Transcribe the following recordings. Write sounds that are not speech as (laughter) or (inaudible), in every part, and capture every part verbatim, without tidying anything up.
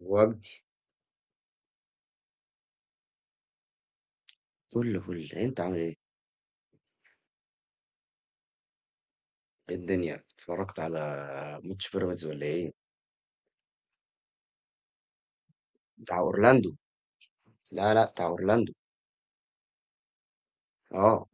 وجدي فل، فل. أنت عامل إيه؟ إيه الدنيا؟ اتفرّجت على ماتش بيراميدز والّا إيه؟ بتاع أورلاندو، لا، لأ، بتاع أورلاندو، آه.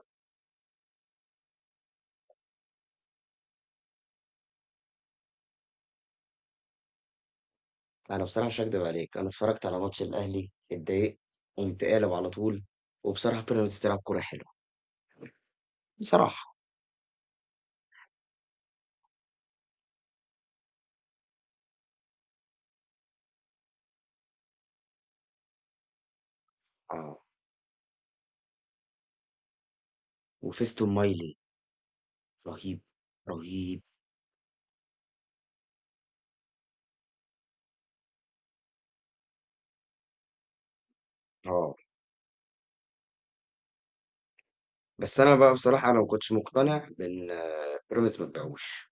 أنا بصراحة مش هاكدب عليك، أنا اتفرّجت على ماتش الأهلي، اتضايقت، قُمت قالب على طول، وبصراحة بيراميدز بتلعب كورة حلوة، بصراحة، آه. وفيستون مايلي رهيب، رهيب، آه. بس أنا بقى بصراحة أنا ما كنتش مقتنع بإن بيراميدز ما تبيعوش،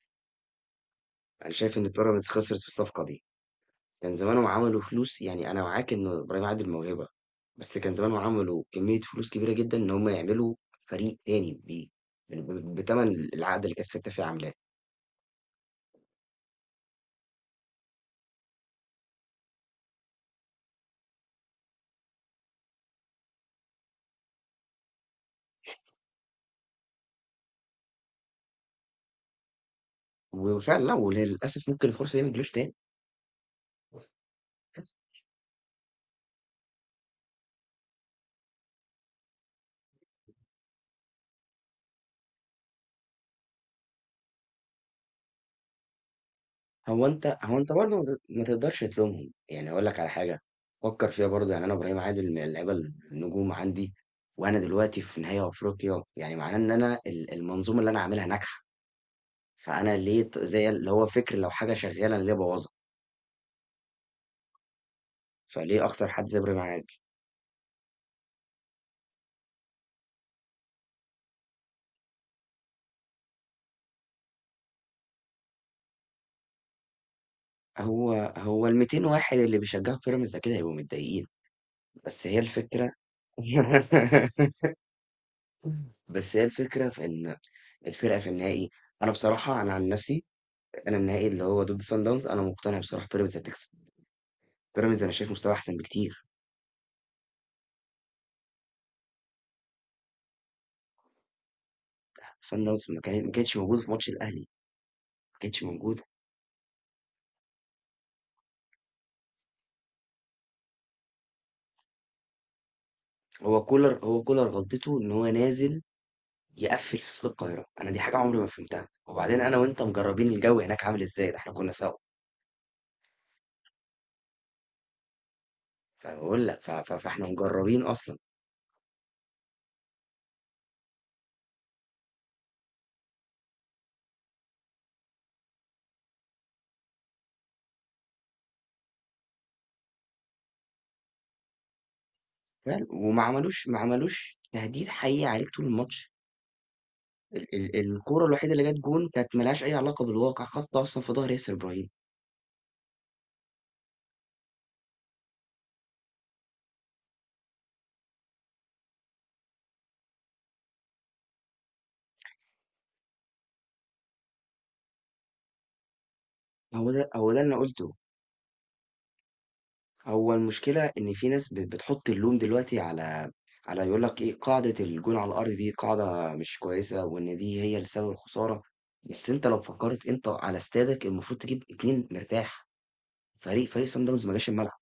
أنا شايف إن بيراميدز خسرت في الصفقة دي. كان زمانهم عملوا فلوس، يعني أنا معاك إن إبراهيم عادل موهبة، بس كان زمانهم عملوا كمية فلوس كبيرة جدا إن هم يعملوا فريق تاني بيه بتمن العقد اللي كانت ستة فيه عاملاه. وفعلا لا، وللأسف ممكن الفرصة دي ما تجيلوش تاني. هو أنت هو أنت برضه ما تقدرش تلومهم، يعني أقول لك على حاجة فكر فيها برضه، يعني أنا إبراهيم عادل من اللعيبة النجوم عندي، وأنا دلوقتي في نهائي أفريقيا، يعني معناه إن أنا ال- المنظومة اللي أنا عاملها ناجحة. فأنا ليه ت- زي اللي هو فكر، لو حاجة شغالة أنا ليه بوظها؟ فليه أخسر حد زبر معاك؟ هو هو ال200 واحد اللي بيشجعوا بيراميدز أكيد هيبقوا متضايقين، بس هي الفكرة. (laughs) بس هي الفكرة في إن الفرقة في النهائي. أنا بصراحة أنا عن نفسي، أنا النهائي اللي هو ضد صن داونز أنا مقتنع بصراحة بيراميدز هتكسب، بيراميدز أنا شايف مستواه أحسن بكتير، صن داونز ما كان ما كانتش موجودة في ماتش الأهلي، ما كانتش موجودة، هو كولر هو كولر غلطته إن هو نازل يقفل في استاد القاهرة، أنا دي حاجة عمري ما فهمتها، وبعدين أنا وأنت مجربين الجو هناك عامل إزاي، ده إحنا كنا سوا. فباقول لك ف ف فإحنا مجرّبين أصلًا. فعلًا، وما عملوش ما عملوش تهديد حقيقي عليك طول الماتش، ال ال الكورة الوحيدة اللي جات جون كانت ما لهاش أي علاقة بالواقع، خبطة أصلًا في ضهر ياسر إبراهيم، هو ده هو ده اللي أنا قُلته، هو المشكلة إن في ناس بت بتحُط اللوم دلوقتي على على يقول لك إيه، قاعدة الجون على الأرض دي قاعدة مش كويسة، وإن دي هي اللي سبب الخسارة، بس أنت لو فكّرت أنت على استادك المفروض تجيب اتنين مرتاح، فريق فريق صن داونز ما جاش الملعب.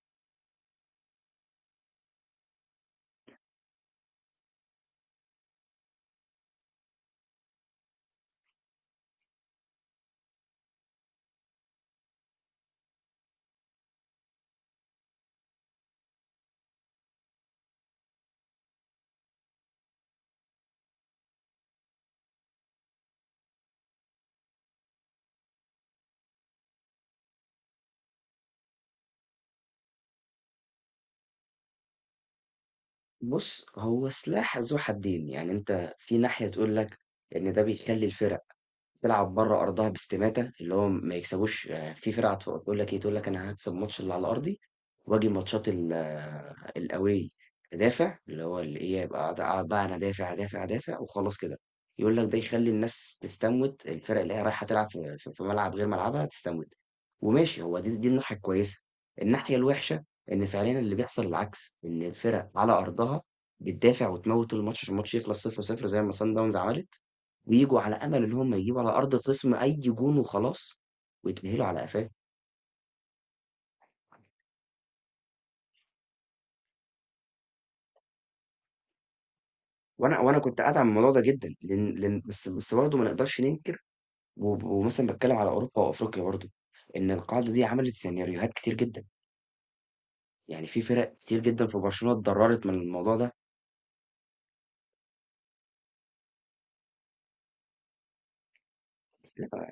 بُص، هو سلاح ذو حدّين، يعني أنت في ناحية تقول لك إن ده بيخلّي الفرق تلعب بره أرضها باستماتة، اللي هو ما يكسبوش، يعني في فرق هتف تقول لك إيه، تقول لك أنا هاكسب الماتش اللي على أرضي، وآجي ماتشات ال آه، الأواي أدافع، اللي هو اللي إيه، أبقى قاعد قاعد بقى أنا أدافع، أدافع، أدافع وخلاص كده، يقول لك ده يخلّي الناس تستموت، الفرق اللي هي رايحة تلعب في في في ملعب غير ملعبها تستموت، وماشي، هو دي دي الناحية الكويسة، الناحية الوحشة إن فعليًا اللي بيحصل العكس، إن الفرق على أرضها بتدافع وتموت الماتش عشان الماتش يخلص صفر صفر زي ما صن داونز عملت. وييجوا على امل ان هم يجيبوا على ارض الخصم اي جون وخلاص ويتاهلوا على قفاه. وانا وانا كنت قاعد على الموضوع ده جدا، لان لان بس بس برضه ما نقدرش ننكر، و- ومثلا بتكلم على اوروبا وافريقيا برضه، ان القاعده دي عملت سيناريوهات كتير جدا، يعني في فرق كتير جدا في برشلونه اتضررت من الموضوع ده. (laughs) لا،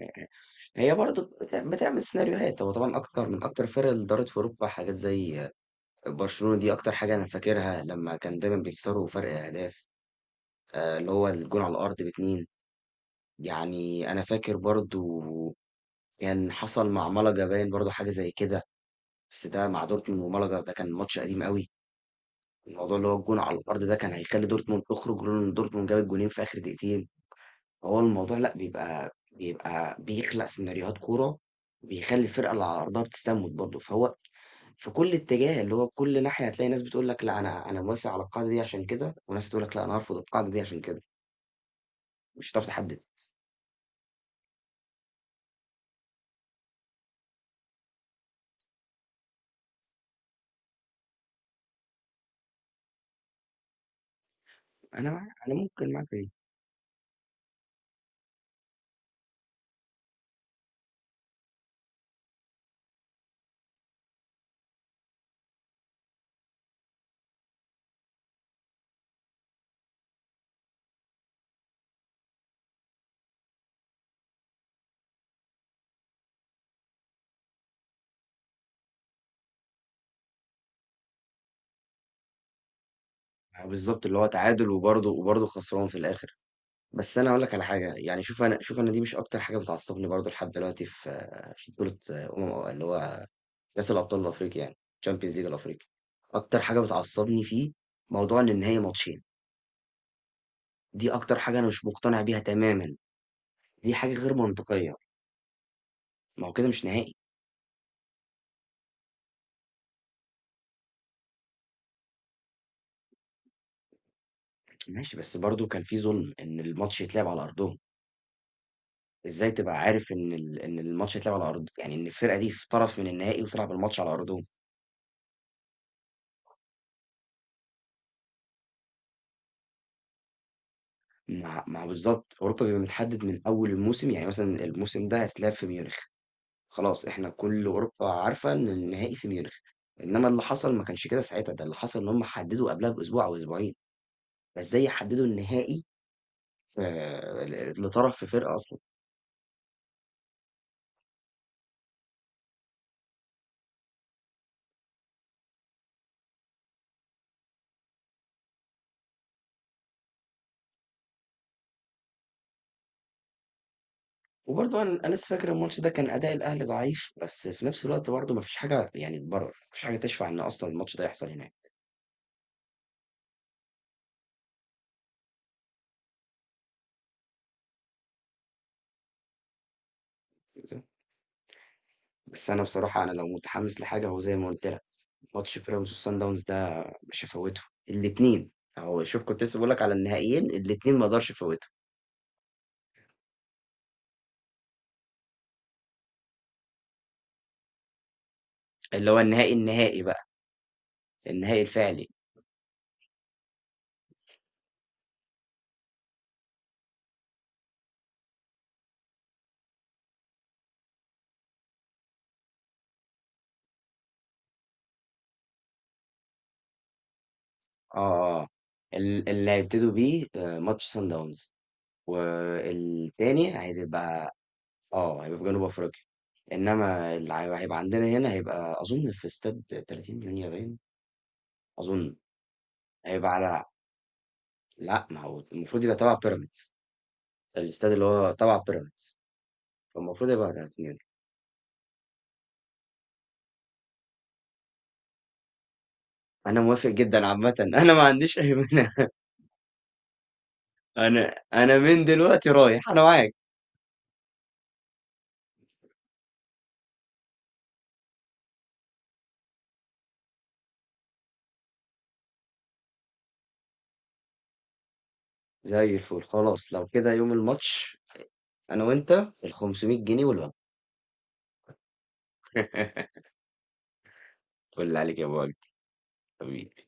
هي برضه بت- بتعمل سيناريوهات، هو طبعا اكتر من اكتر الفرق اللي دارت في اوروبا حاجات زي برشلونه، دي اكتر حاجه انا فاكرها، لما كان دايما بيكسروا فرق اهداف، آه، اللي هو الجون على الارض باتنين. يعني أنا فاكر برضه كان حصل مع مَلَقا، باين برضه حاجة زي كده، بس ده مع دورتموند، ومَلَقا ده كان ماتش قديم أوي، الموضوع اللي هو الجون على الأرض ده كان هيخلّي دورتموند تخرج، لولا إن دورتموند جاب الجونين في آخر دقيقتين، فهو الموضوع لأ، بيبقى بيبقى بيخلق سيناريوهات كورة، بيخلّي الفرقة اللي على أرضها بتستموت برضه، فهو في كل اتجاه، اللي هو كل ناحية هتلاقي ناس بتقول لك لأ أنا أنا موافق على القاعدة دي عشان كده، وناس تقول لك لأ أنا هارفض القاعدة دي عشان كده، مش هتعرف تحدد. أنا مع أنا ممكن معاك. آه، بالظبط اللي هو تعادل، وبرضه وبرضه خسران في الاخر. بس انا اقول لك على حاجه، يعني شوف انا شوف انا دي مش اكتر حاجه بتعصبني برضه لحد دلوقتي في آه، في بطوله آه، امم اللي هو كاس الابطال الافريقي، يعني تشامبيونز ليج الافريقي. اكتر حاجه بتعصبني فيه موضوع ان النهائي ماتشين، دي اكتر حاجه انا مش مقتنع بيها تماما، دي حاجه غير منطقيه، ما هو كده مش نهائي. ماشي، بس برضه كان في ظلم ان الماتش يتلعب على ارضهم، ازاي تبقى عارف ان ال- ان الماتش يتلعب على ارض، يعني ان الفرقه دي في طرف من النهائي وتلعب الماتش على ارضهم. ما ما هو بالضبط، أوروبا بيبقى متحدد من أول الموسم، يعني مثلًا الموسم ده هيتلعب في ميونخ، خلاص إحنا كل أوروبا عارفة إن النهائي في ميونخ، إنما اللي حصل ما كانش كده ساعتها، ده اللي حصل إن هُم حددوا قبلها بأسبوع أو أسبوعين، فإزاي يحددوا النهائي ف ل لطرف في فرقة أصلًا؟ وبرضه أنا أنا لسه فاكر الماتش ده كان أداء الأهلي ضعيف، بس في نفس الوقت برضه ما فيش حاجة يعني تبرر، ما فيش حاجة تشفع إن أصلًا الماتش ده يحصل هناك. بس أنا بصراحة أنا لو متحمس لحاجة هو زي ما قُلت لك. ماتش بيراميدز وصن داونز ده مش هفوته الاثنين، اهو شوف كنت لسه بقول لك على النهائيين الاثنين ما اقدرش افوته، اللي هو النهائي النهائي بقى، النهائي الفعلي. اه اه ال- اللي هيبتدوا بيه آه، ماتش صن داونز، والتاني هيبقى اه هيبقى في جنوب افريقيا، انما اللي هي- هيبقى عندنا هنا، هيبقى اظن في استاد تلاتين مليون يابان اظن. هيبقى على لا، ما هو المفروض يبقى تبع بيراميدز، الاستاد اللي هو تبع بيراميدز، فالمفروض يبقى تلاتين. انا موافق جدا عامة. (laughs) انا ما عنديش اي مانع. (laughs) انا انا من دلوقتي رايح، انا معاك. زي الفل خلاص، لو كده يوم الماتش انا وانت ال خمسمائة جنيه والوجبة. (laughs) قول عليك يا ابو وجد، حبيبي.